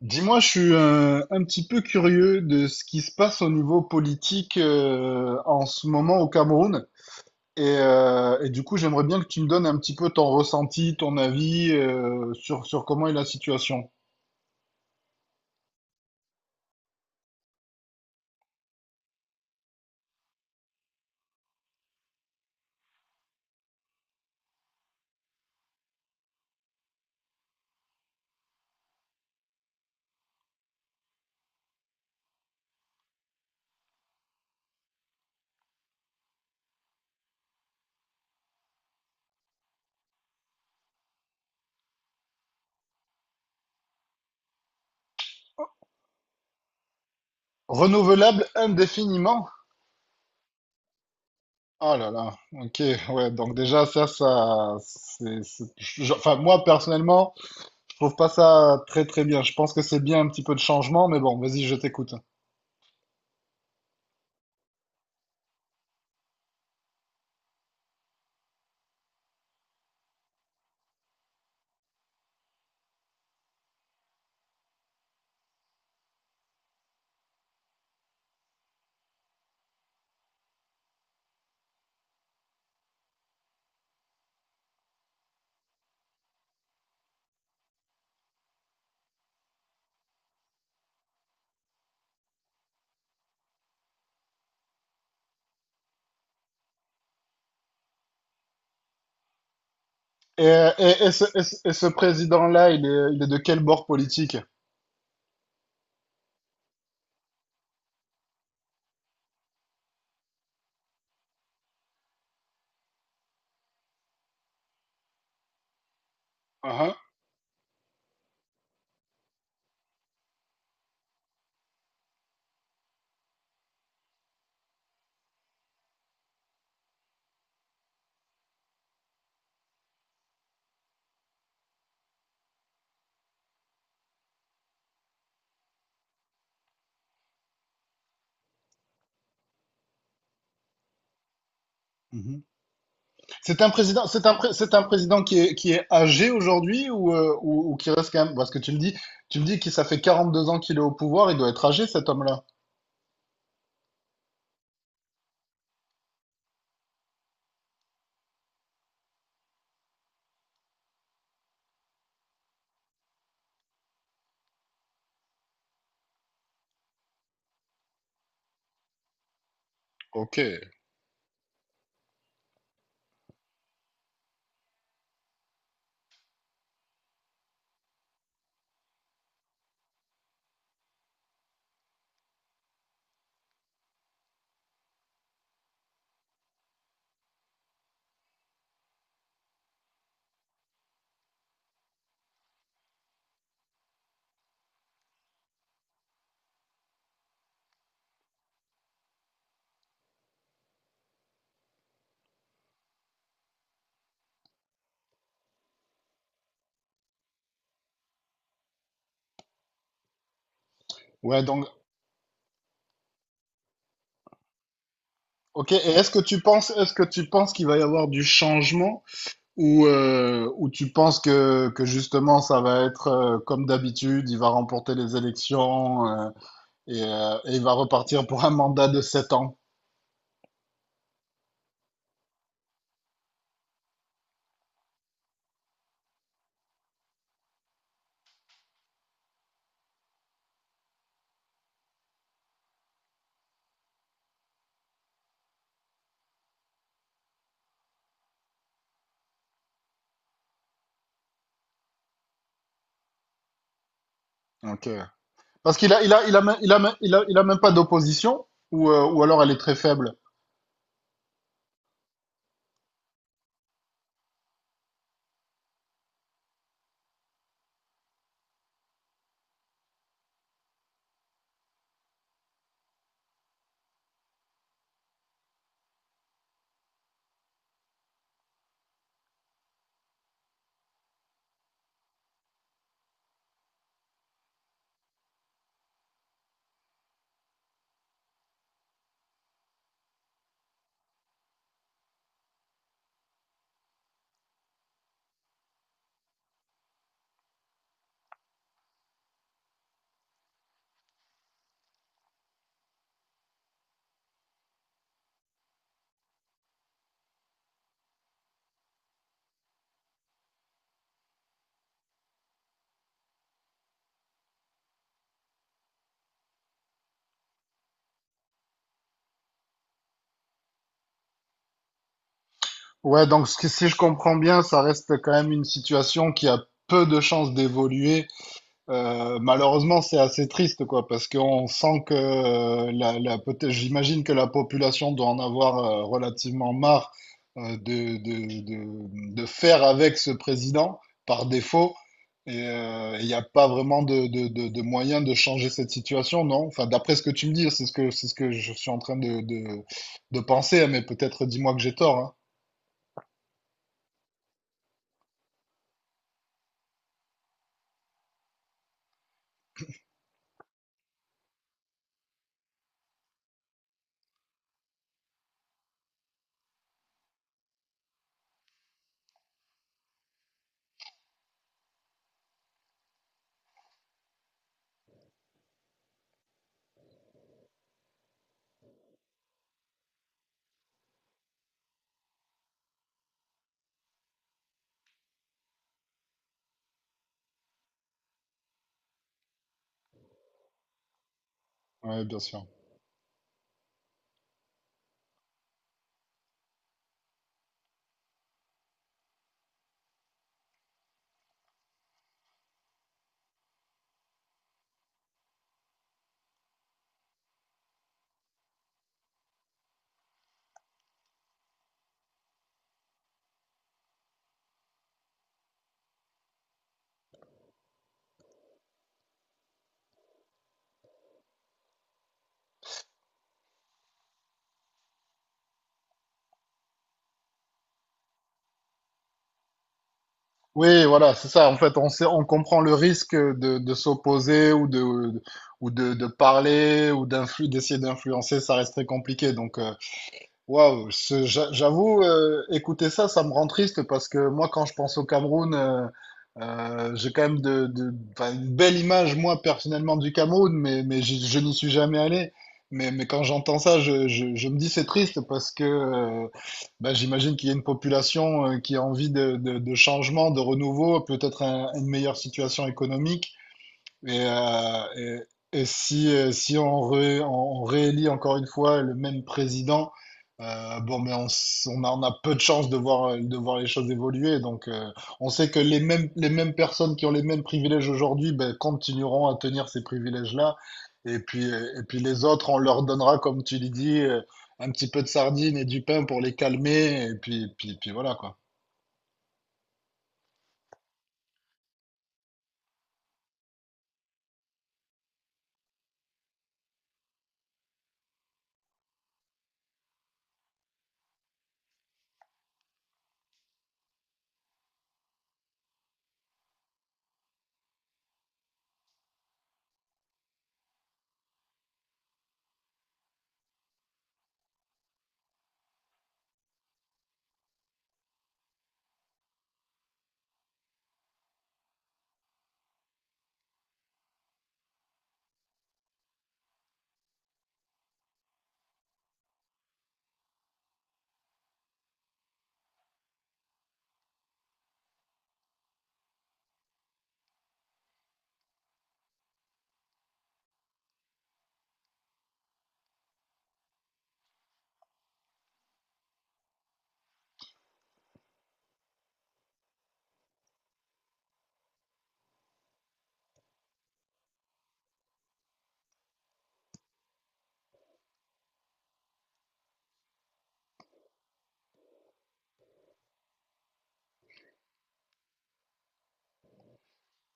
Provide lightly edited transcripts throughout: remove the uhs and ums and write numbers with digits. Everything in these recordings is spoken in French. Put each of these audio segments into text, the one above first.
Dis-moi, je suis un petit peu curieux de ce qui se passe au niveau politique en ce moment au Cameroun. Et du coup, j'aimerais bien que tu me donnes un petit peu ton ressenti, ton avis sur, sur comment est la situation. Renouvelable indéfiniment? Oh là là, ok, ouais, donc déjà ça, ça, enfin moi personnellement, je trouve pas ça très très bien. Je pense que c'est bien un petit peu de changement, mais bon, vas-y, je t'écoute. Et, et ce président-là, il est de quel bord politique? Uhum. Mhm. C'est un président qui est âgé aujourd'hui ou, ou qui reste quand même, parce que tu me dis que ça fait 42 ans qu'il est au pouvoir, il doit être âgé cet homme-là. Ok. Ouais, donc, ok. Et est-ce que tu penses, est-ce que tu penses qu'il va y avoir du changement ou tu penses que justement ça va être comme d'habitude, il va remporter les élections et il va repartir pour un mandat de 7 ans? Ok. Parce qu'il a, il a, il a, même- il a, même- il a même pas d'opposition, ou alors elle est très faible. Si je comprends bien, ça reste quand même une situation qui a peu de chances d'évoluer. Malheureusement, c'est assez triste, quoi, parce qu'on sent que j'imagine que la population doit en avoir relativement marre de faire avec ce président par défaut. Et il n'y a pas vraiment de moyen de changer cette situation, non? Enfin, d'après ce que tu me dis, c'est ce que je suis en train de penser, hein, mais peut-être dis-moi que j'ai tort, hein. Ouais, bien sûr. Oui, voilà, c'est ça. En fait, on sait, on comprend le risque de s'opposer ou de parler ou d'essayer d'influencer. Ça reste très compliqué. Waouh, j'avoue, écouter ça, ça me rend triste parce que moi, quand je pense au Cameroun, j'ai quand même enfin, une belle image, moi, personnellement, du Cameroun, mais, je n'y suis jamais allé. Mais quand j'entends ça, je me dis c'est triste parce que bah, j'imagine qu'il y a une population qui a envie de, de changement, de renouveau, une meilleure situation économique. Et, euh, et si, on réélit encore une fois le même président, bon, on a peu de chances de voir les choses évoluer. Donc, on sait que les mêmes personnes qui ont les mêmes privilèges aujourd'hui, ben, continueront à tenir ces privilèges-là. Et puis les autres, on leur donnera, comme tu l'as dit, un petit peu de sardines et du pain pour les calmer. Et puis, puis voilà, quoi.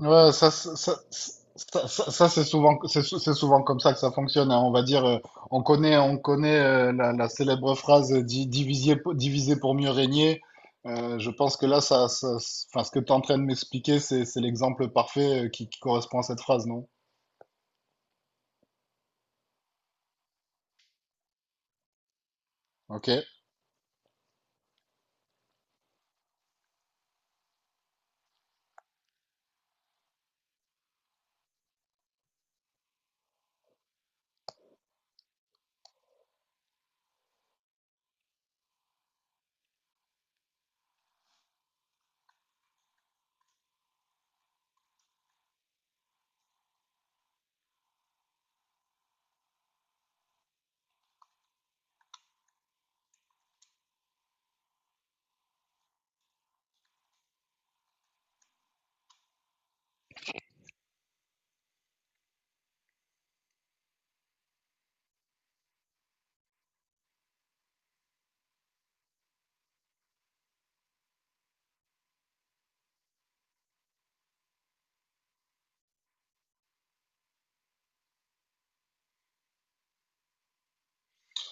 Ouais, ça, c'est souvent, c'est souvent comme ça que ça fonctionne, hein. On va dire, on connaît la célèbre phrase diviser, diviser pour mieux régner. Je pense que là, enfin, ce que tu es en train de m'expliquer, c'est l'exemple parfait qui correspond à cette phrase, non? Ok.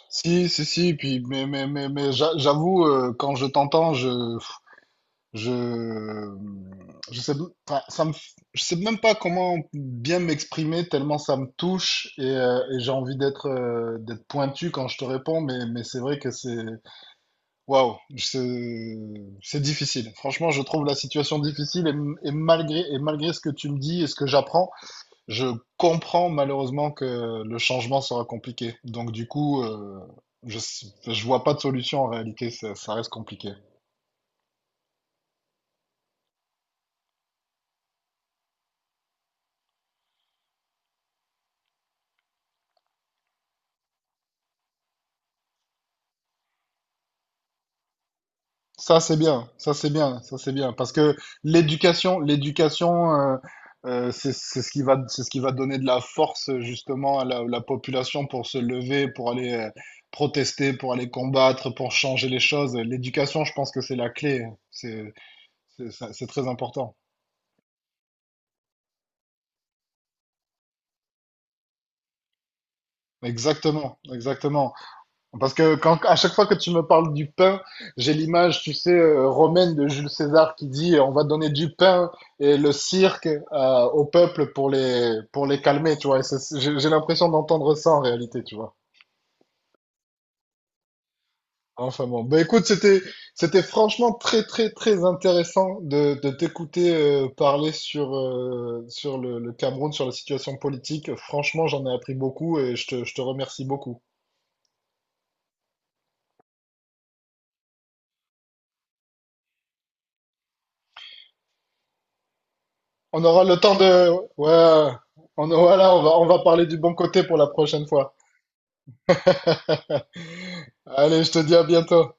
Si, si, si. Puis, mais j'avoue, quand je t'entends, Je, je sais, enfin, je sais même pas comment bien m'exprimer tellement ça me touche et j'ai envie d'être d'être pointu quand je te réponds, mais c'est vrai que c'est waouh, c'est difficile. Franchement, je trouve la situation difficile et, et malgré ce que tu me dis et ce que j'apprends, je comprends malheureusement que le changement sera compliqué. Donc du coup, je je vois pas de solution en réalité, ça reste compliqué. Ça, c'est bien, ça, c'est bien, ça, c'est bien. Parce que l'éducation, l'éducation, c'est ce qui va, c'est ce qui va donner de la force, justement, à la, la population pour se lever, pour aller protester, pour aller combattre, pour changer les choses. L'éducation, je pense que c'est la clé. C'est, c'est très important. Exactement, exactement. Parce que quand, à chaque fois que tu me parles du pain, j'ai l'image, tu sais, romaine de Jules César qui dit on va donner du pain et le cirque au peuple pour les calmer, tu vois. J'ai l'impression d'entendre ça en réalité, tu vois. Enfin bon, bah écoute, c'était franchement très, très, très intéressant de t'écouter parler sur, sur le Cameroun, sur la situation politique. Franchement, j'en ai appris beaucoup et je te remercie beaucoup. On aura le temps de… Ouais, voilà, on va parler du bon côté pour la prochaine fois. Allez, je te dis à bientôt.